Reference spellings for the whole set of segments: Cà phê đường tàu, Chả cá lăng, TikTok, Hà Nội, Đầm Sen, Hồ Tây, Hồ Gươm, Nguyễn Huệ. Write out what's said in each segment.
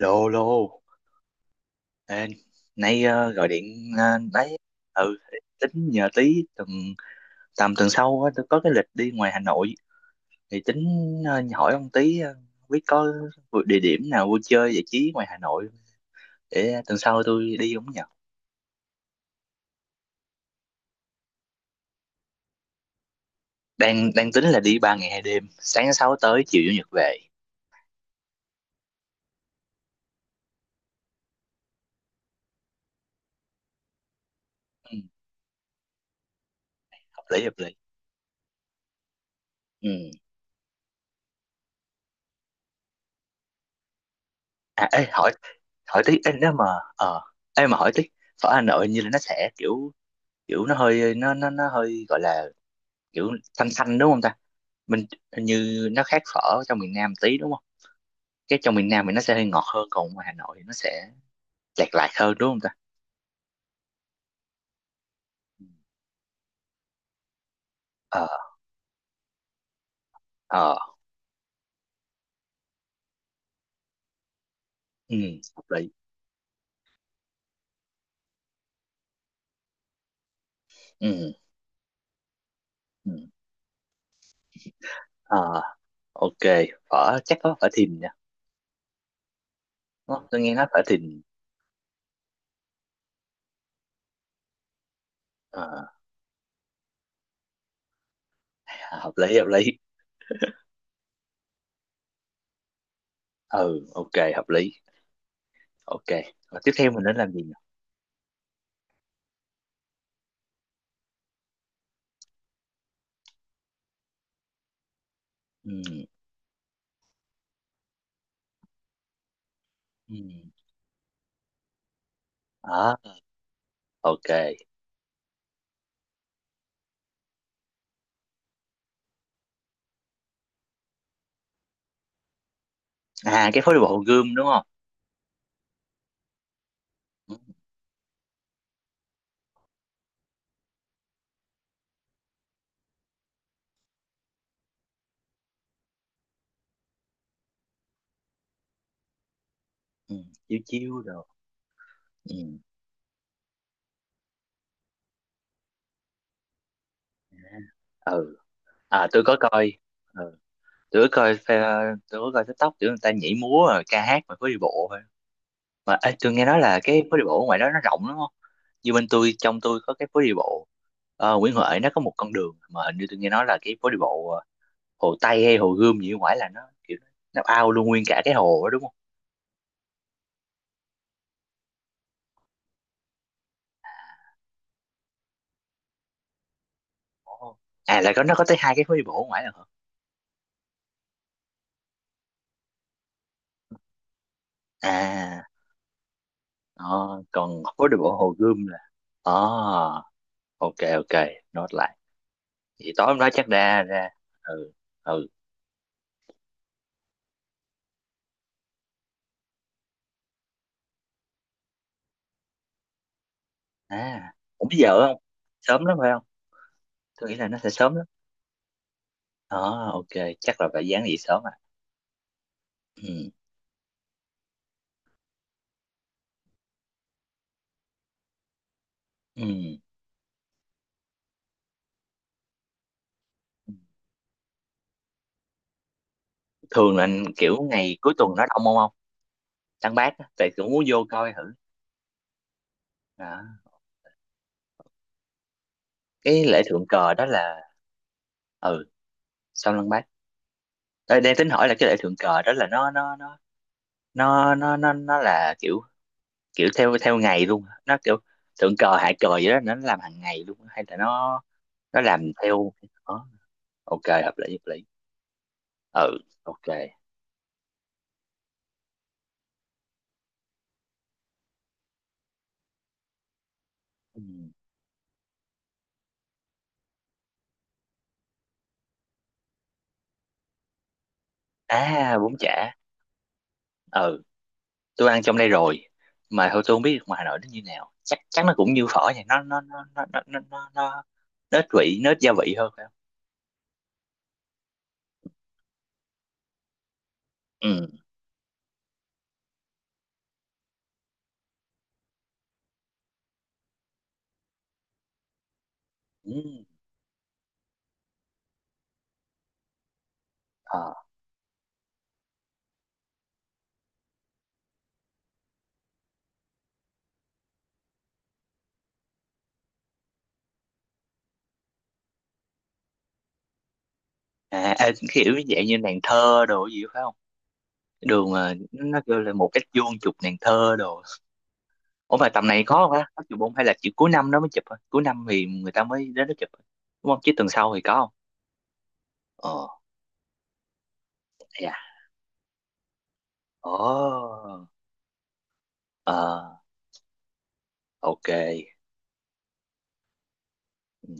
Lô lô. Ê, nay gọi điện đấy. Ừ, tính nhờ tí tầm tuần sau á, tôi có cái lịch đi ngoài Hà Nội. Thì tính hỏi ông tí, không biết có địa điểm nào vui chơi giải trí ngoài Hà Nội để tuần sau tôi đi không nhờ. Đang đang tính là đi 3 ngày 2 đêm, sáng thứ sáu tới chiều chủ nhật về. Ừ, hợp lý, hợp lý. Ừ. À, ê, hỏi hỏi tí ê, nếu mà ờ ê mà hỏi tí, phở Hà Nội như là nó sẽ kiểu kiểu nó hơi gọi là kiểu xanh xanh đúng không ta. Mình hình như nó khác phở trong miền Nam tí đúng không? Cái trong miền Nam thì nó sẽ hơi ngọt hơn, còn ngoài Hà Nội thì nó sẽ chạt lạt hơn đúng không ta. Ờ. Ờ. Ừ, hợp lý. Ừ. Ừ. Ờ. Ok. Phở chắc có phở Thìn nha. Đúng không? Tôi nghe nói phở Thìn. ờ Hợp lý, hợp lý. Ừ, ok, hợp lý. Ok. Rồi tiếp theo mình nên làm gì nhỉ? Ừ. Ừ. Đó. Ok. À, cái phố đi bộ Hồ Gươm đúng không? Ừ. Ừ. Chiếu chiếu rồi. Ừ. À. Ừ. À, tôi có coi. Ừ. tôi có coi TikTok kiểu người ta nhảy múa rồi ca hát mà phố đi bộ thôi. Mà ê, tôi nghe nói là cái phố đi bộ ở ngoài đó nó rộng lắm không? Như bên tôi, trong tôi có cái phố đi bộ Nguyễn Huệ nó có một con đường mà hình như tôi nghe nói là cái phố đi bộ Hồ Tây hay Hồ Gươm gì ở ngoài là nó kiểu, nó ao luôn nguyên cả cái hồ đó đúng không? Ồ. À là có, nó có tới hai cái phố đi bộ ở ngoài là hả? À. ờ, Còn phố đi bộ Hồ Gươm là. ờ ok, ok, nốt lại. Thì tối hôm đó chắc đa ra. Ừ. Ừ. À, cũng bây giờ không sớm lắm phải không? Tôi nghĩ là nó sẽ sớm lắm. Ờ ok, chắc là phải dán gì sớm à. Ừ. Ừ, thường là kiểu ngày cuối tuần nó đông không? Không, lăng bác á, tại cũng muốn vô coi thử. Đó. Cái lễ thượng cờ đó là. Ừ. Sao lăng bác? Ờ, đang tính hỏi là cái lễ thượng cờ đó là nó là kiểu kiểu theo theo ngày luôn hả? Nó kiểu thượng cờ hạ cờ gì đó nó làm hàng ngày luôn hả? Hay là nó làm theo. ờ. Ok, hợp lý, hợp lý. Ừ, ok. Ừ. À, bún chả. Ừ, tôi ăn trong đây rồi. Mà thôi tôi không biết được ngoài Hà Nội nó như nào, chắc chắn nó cũng như phở vậy. Nó nó ít vị nó ít gia vị hơn phải không? Ừ. Ừ. Ờ. À, kiểu dạng như nàng thơ đồ gì phải không? Cái đường mà nó kêu là một cách vuông chụp nàng thơ đồ. Ủa mà tầm này có không á, có chụp không hay là chỉ cuối năm nó mới chụp thôi, cuối năm thì người ta mới đến nó chụp thôi. Đúng không? Chứ tuần sau thì có không? Ờ. Dạ. Ồ. Ờ, ok. Ừ.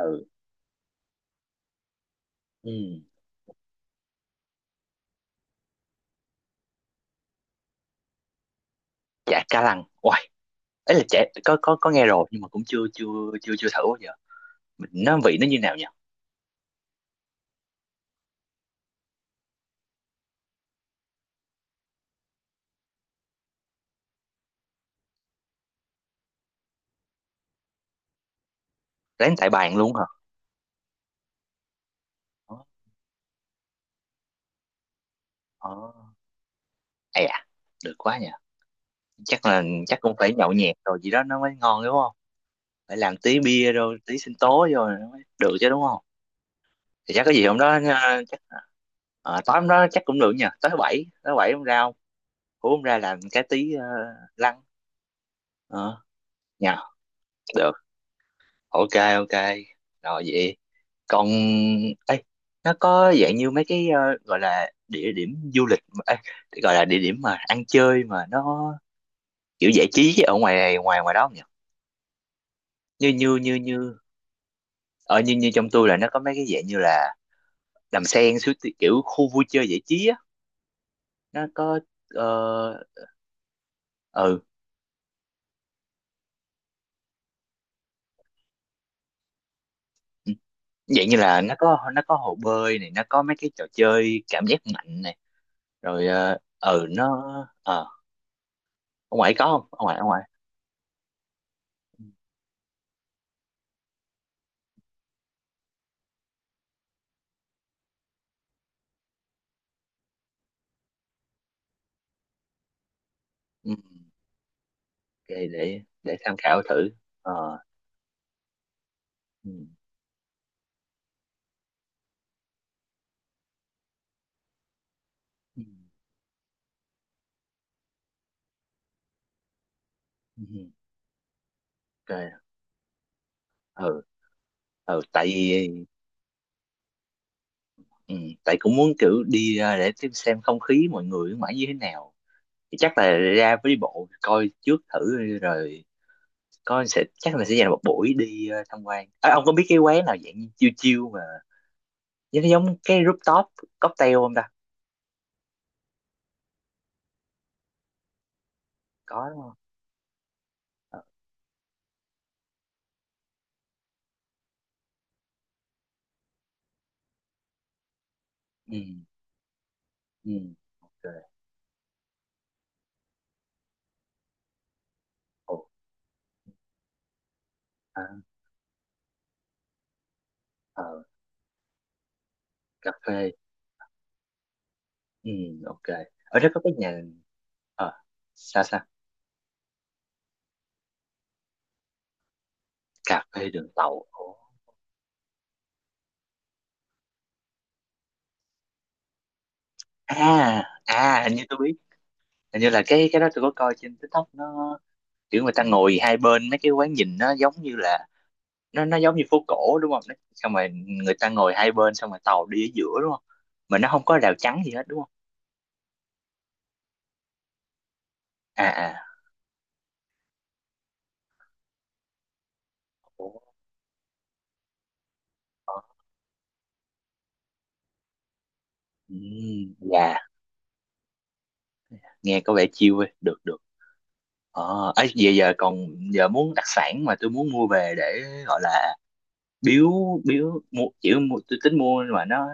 Ừ. Ừ. Chả cá lăng. Uầy, ấy là chả, có, nghe rồi nhưng mà cũng chưa chưa chưa chưa thử bao giờ. Mình nó vị nó như nào nhỉ? Đánh tại bàn luôn hả? Ờ. Ờ. Ê, à, được quá nhỉ. Chắc cũng phải nhậu nhẹt rồi gì đó nó mới ngon đúng không? Phải làm tí bia rồi tí sinh tố rồi nó mới được chứ đúng không? Thì chắc có gì hôm đó chắc tối hôm đó chắc cũng được nhỉ. Tới thứ bảy hôm ra không? Hôm ra làm cái tí lăng. Ờ, nhờ. Được. Ok, ok, rồi vậy. Còn ấy, nó có dạng như mấy cái gọi là địa điểm du lịch ấy, gọi là địa điểm mà ăn chơi mà nó kiểu giải trí chứ ở ngoài ngoài ngoài đó không nhỉ? Như như như như ở như như trong tôi là nó có mấy cái dạng như là đầm sen, kiểu khu vui chơi giải trí á, nó có. ờ ừ. Ừ, dạng như là nó có hồ bơi này, nó có mấy cái trò chơi cảm giác mạnh này, rồi. Ờ ừ. nó ờ Ở ngoài có không? Ở ngoài. Ừ. Để tham khảo thử. Ờ. Ừ. Ừ. Ừ. Ok. Ừ. Ừ, tại vì. Ừ, tại cũng muốn kiểu đi ra để xem không khí mọi người ở ngoài như thế nào. Thì chắc là ra với đi bộ coi trước thử rồi, coi sẽ chắc là sẽ dành một buổi đi tham quan. À, ông có biết cái quán nào dạng như chiêu chiêu mà giống giống cái rooftop cocktail không ta? Có đúng không? Ờ. Ừ. Ừ. Ok. Ồ. À, ờ cà phê. Ừ, ok. Ở đó có cái nhà. ờ Sao sao? Cà phê đường tàu. Ồ. À, à, hình như tôi biết. Hình như là cái đó tôi có coi trên TikTok, nó kiểu người ta ngồi hai bên mấy cái quán nhìn nó giống như là nó giống như phố cổ đúng không? Xong rồi người ta ngồi hai bên, xong rồi tàu đi ở giữa đúng không? Mà nó không có rào chắn gì hết đúng không? À, à. Ồ. Ờ. Ừ, dạ, nghe có vẻ chill ấy. Được, được. Ờ, ấy, giờ giờ còn giờ muốn đặc sản mà tôi muốn mua về để gọi là biếu biếu mua chỉ mua tôi tính mua mà nó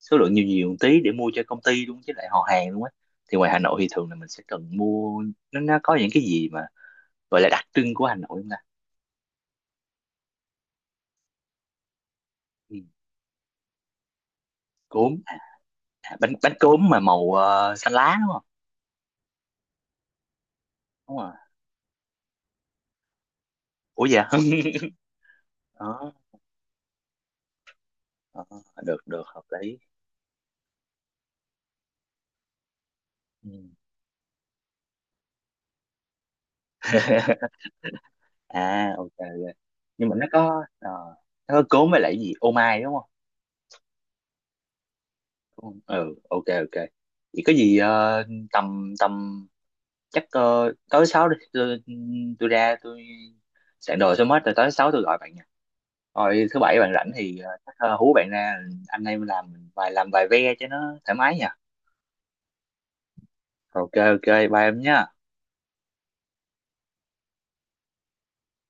số lượng nhiều nhiều một tí để mua cho công ty luôn chứ lại họ hàng luôn á. Thì ngoài Hà Nội thì thường là mình sẽ cần mua, nó có những cái gì mà gọi là đặc trưng của Hà Nội không ta? Ừ, cốm à, à, bánh bánh cốm mà màu xanh lá đúng không? Đúng rồi. Ủa, dạ. Đó, đó, được, được, hợp lý. Ừ. À, ok, ok. Nhưng mà nó có cốm với lại cái gì ô mai đúng không? Ừ, ok, ok. Vậy có gì tầm tầm chắc tối sáu đi, tôi ra tôi soạn đồ xong hết rồi tối sáu tôi gọi bạn nha. Rồi thứ bảy bạn rảnh thì chắc hú bạn ra anh em làm vài ve cho nó thoải mái nha. Ok, ok, bye em nhé.